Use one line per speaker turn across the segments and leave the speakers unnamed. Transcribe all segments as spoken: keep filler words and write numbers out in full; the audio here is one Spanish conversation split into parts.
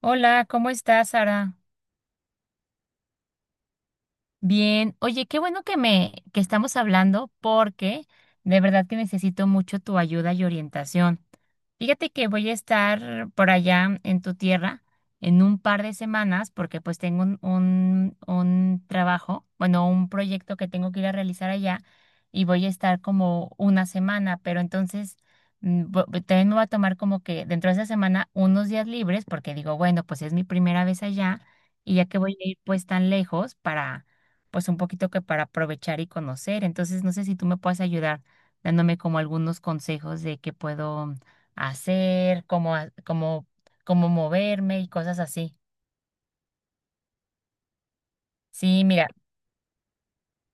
Hola, ¿cómo estás, Sara? Bien. Oye, qué bueno que me que estamos hablando porque de verdad que necesito mucho tu ayuda y orientación. Fíjate que voy a estar por allá en tu tierra en un par de semanas porque pues tengo un, un, un trabajo, bueno, un proyecto que tengo que ir a realizar allá y voy a estar como una semana, pero entonces mm, vo- vo- también me voy a tomar como que dentro de esa semana unos días libres porque digo, bueno, pues es mi primera vez allá y ya que voy a ir pues tan lejos para pues un poquito que para aprovechar y conocer. Entonces no sé si tú me puedes ayudar dándome como algunos consejos de que puedo hacer, cómo, ha- cómo, cómo moverme y cosas así. Sí, mira.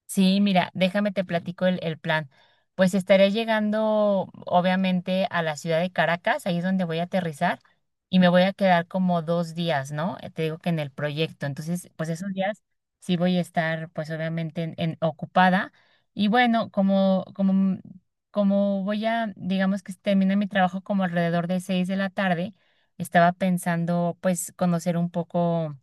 Sí, mira, déjame te platico el, el plan. Pues estaré llegando, obviamente, a la ciudad de Caracas, ahí es donde voy a aterrizar, y me voy a quedar como dos días, ¿no? Eh, te digo que en el proyecto. Entonces, pues esos días sí voy a estar, pues obviamente, en, en- ocupada. Y bueno, como, como, m- como voy a, digamos que termina mi trabajo como alrededor de seis de la tarde, estaba pensando, pues, conocer un poco,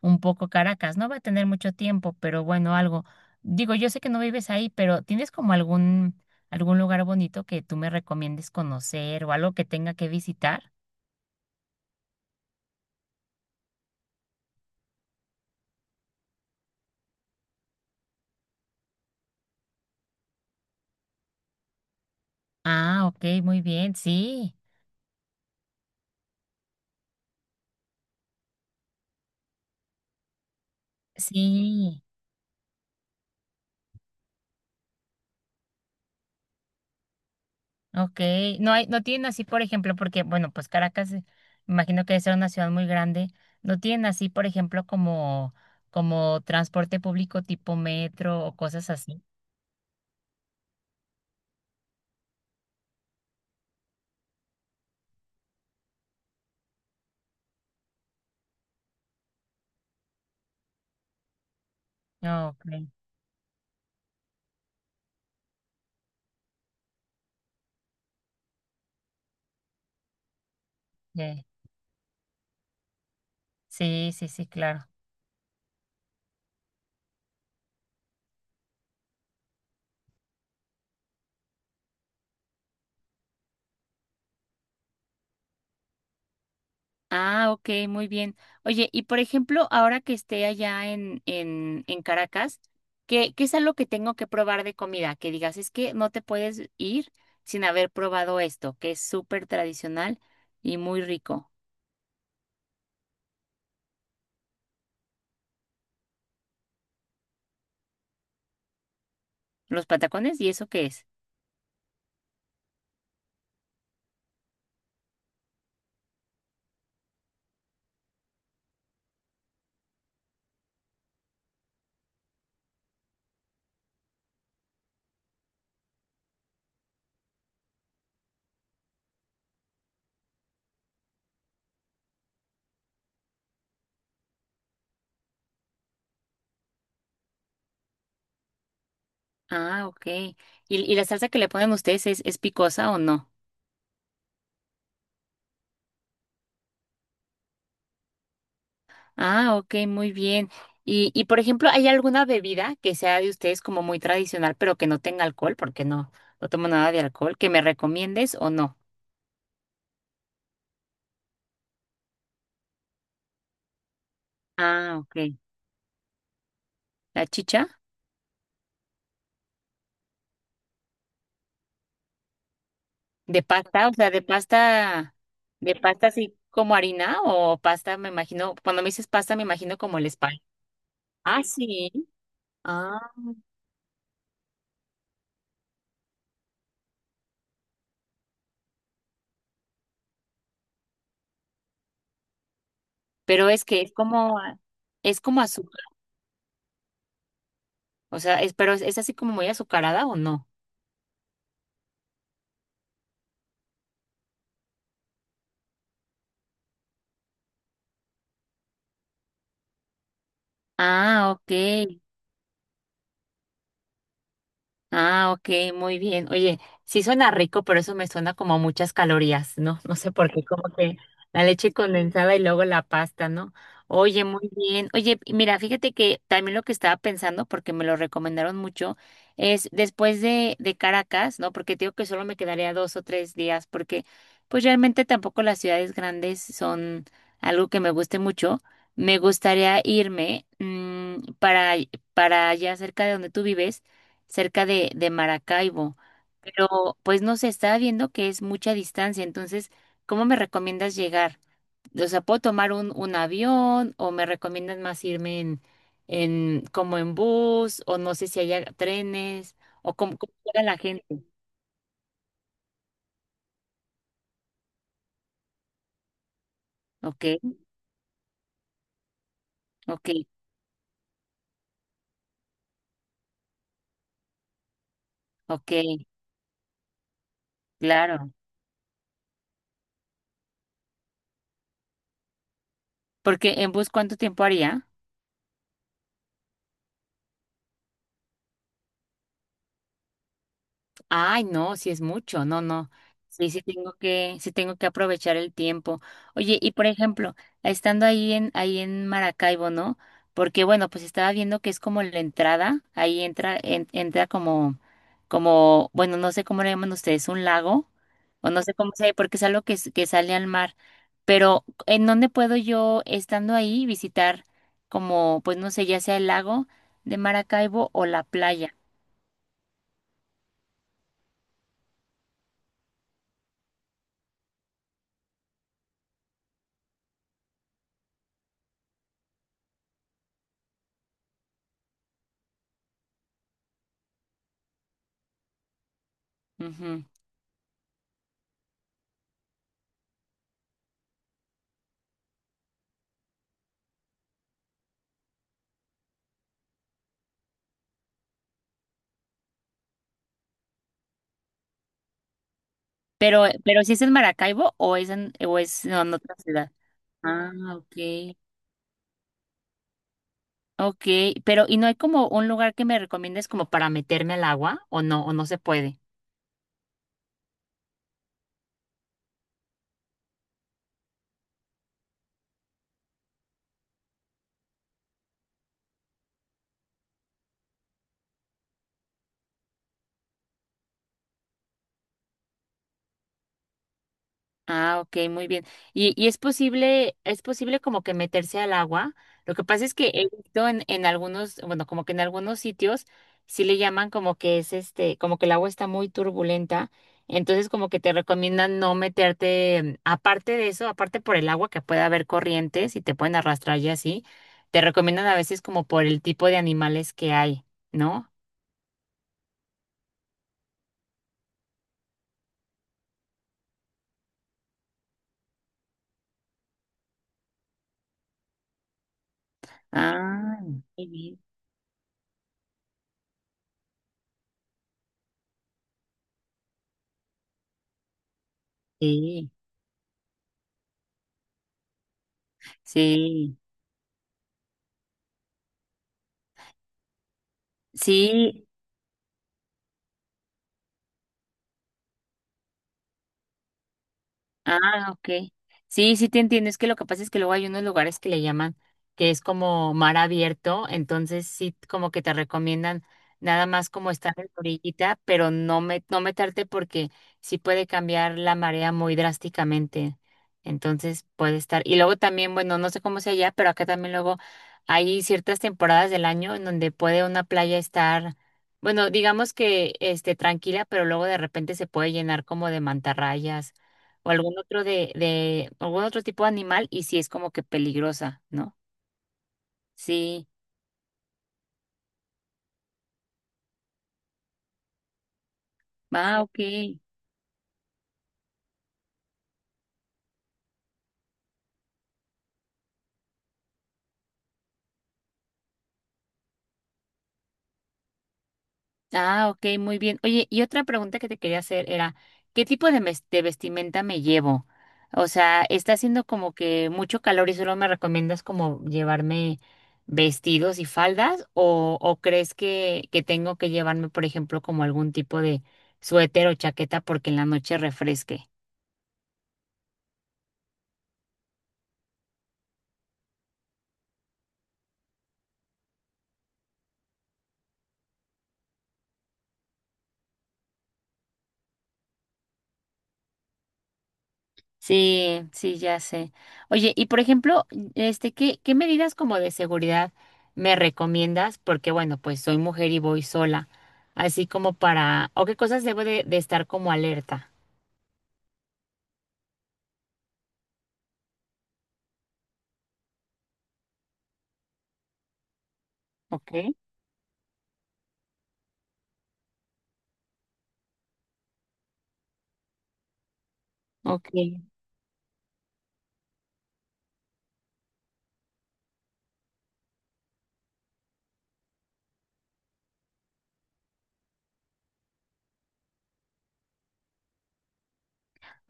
un poco Caracas. No va a tener mucho tiempo, pero bueno, algo. Digo, yo sé que no vives ahí, pero ¿tienes como algún, algún lugar bonito que tú me recomiendes conocer o algo que tenga que visitar? Ah, ok, muy bien, sí, sí, ok. No hay, no tienen así, por ejemplo, porque, bueno, pues Caracas, eh, imagino que debe ser una ciudad muy grande. No tienen así, por ejemplo, como, como transporte público tipo metro o cosas así. Ah, ok, ok. Sí, sí, sí, claro. Ah, ok, muy bien. Oye, y por ejemplo, ahora que esté allá en, en, en Caracas, ¿qué, qué es algo que tengo que probar de comida? Que digas, es que no te puedes ir sin haber probado esto, que es súper tradicional y muy rico. ¿Los patacones? ¿Y eso qué es? Ah, ok. ¿Y, y la salsa que le ponen ustedes es, es picosa o no? Ah, ok, muy bien. Y, y por ejemplo, ¿hay alguna bebida que sea de ustedes como muy tradicional, pero que no tenga alcohol? Porque no, no tomo nada de alcohol, ¿que me recomiendes o no? Ah, ok. La chicha de pasta, o sea, de pasta, de pasta así como harina o pasta, me imagino, cuando me dices pasta, me imagino como el espal. Ah, sí. Ah, pero es que es como, es como azúcar, o sea, es, pero es, es así como muy azucarada o no. Ah, ok. Ah, ok, muy bien. Oye, sí suena rico, pero eso me suena como a muchas calorías, ¿no? No sé por qué, como que la leche condensada y luego la pasta, ¿no? Oye, muy bien. Oye, y mira, fíjate que también lo que estaba pensando, porque me lo recomendaron mucho, es después de, de Caracas, ¿no? Porque te digo que solo me quedaría dos o tres días, porque pues realmente tampoco las ciudades grandes son algo que me guste mucho. Me gustaría irme mm, para, para allá cerca de donde tú vives, cerca de, de Maracaibo, pero pues no se está viendo que es mucha distancia. Entonces, ¿cómo me recomiendas llegar? O sea, ¿puedo tomar un, un avión o me recomiendas más irme en, en como en bus o no sé si haya trenes o cómo, cómo llega la gente? Ok, ok, ok, claro. Porque en bus, ¿cuánto tiempo haría? Ay, no, sí es mucho, no, no. Sí, sí tengo que, sí tengo que aprovechar el tiempo. Oye, y por ejemplo, estando ahí en, ahí en Maracaibo, ¿no? Porque bueno, pues estaba viendo que es como la entrada, ahí entra, en- entra como, como, bueno, no sé cómo le llaman ustedes, un lago, o no sé cómo se porque es algo que, s- que sale al mar. Pero ¿en dónde puedo yo, estando ahí, visitar como, pues no sé, ya sea el lago de Maracaibo o la playa? Ujú. Pero, pero si es en Maracaibo o es en, o es no, en otra ciudad. Ah, ok. Ok, pero ¿y no hay como un lugar que me recomiendes como para meterme al agua o no, o no se puede? Ah, ok, muy bien. Y, y es posible, ¿es posible como que meterse al agua? Lo que pasa es que he visto en, en algunos, bueno, como que en algunos sitios sí le llaman como que es este, como que el agua está muy turbulenta. Entonces como que te recomiendan no meterte. Mm, aparte de eso, aparte por el agua que puede haber corrientes y te pueden arrastrar y así, te recomiendan a veces como por el tipo de animales que hay, ¿no? Ah, muy bien. Sí, sí. Sí, ah, ok. Sí, sí te entiendo. Es que lo que pasa es que luego hay unos lugares que le llaman que es como mar abierto, entonces sí como que te recomiendan nada más como estar en la orillita, pero no me, no meterte porque sí puede cambiar la marea muy drásticamente. Entonces puede estar. Y luego también, bueno, no sé cómo sea allá, pero acá también luego hay ciertas temporadas del año en donde puede una playa estar, bueno, digamos que este tranquila, pero luego de repente se puede llenar como de mantarrayas o algún otro de, de algún otro tipo de animal y si es como que peligrosa, ¿no? Sí. Ah, ok. Ah, ok, muy bien. Oye, y otra pregunta que te quería hacer era, ¿qué tipo de, mes- de vestimenta me llevo? O sea, ¿está haciendo como que mucho calor y solo me recomiendas como llevarme vestidos y faldas o, o crees que, que tengo que llevarme, por ejemplo, como algún tipo de suéter o chaqueta porque en la noche refresque? Sí, sí, ya sé. Oye, y por ejemplo, este, ¿qué, qué medidas como de seguridad me recomiendas? Porque bueno, pues soy mujer y voy sola, así como para, o qué cosas debo de, de estar como alerta. Ok, ok.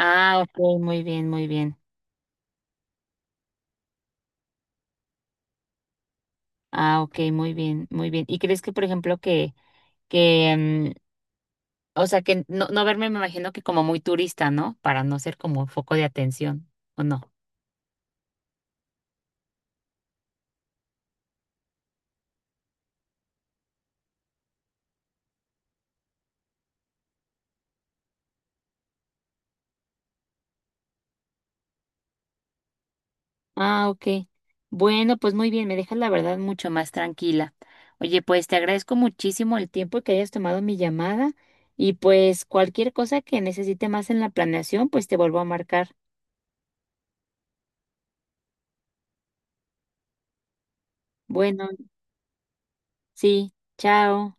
Ah, ok, muy bien, muy bien. Ah, ok, muy bien, muy bien. ¿Y crees que, por ejemplo, que, que, mm, o sea, que no, no verme, me imagino que como muy turista, ¿no? Para no ser como foco de atención, ¿o no? Ah, ok. Bueno, pues muy bien, me dejas la verdad mucho más tranquila. Oye, pues te agradezco muchísimo el tiempo que hayas tomado mi llamada y pues cualquier cosa que necesite más en la planeación, pues te vuelvo a marcar. Bueno, sí, chao.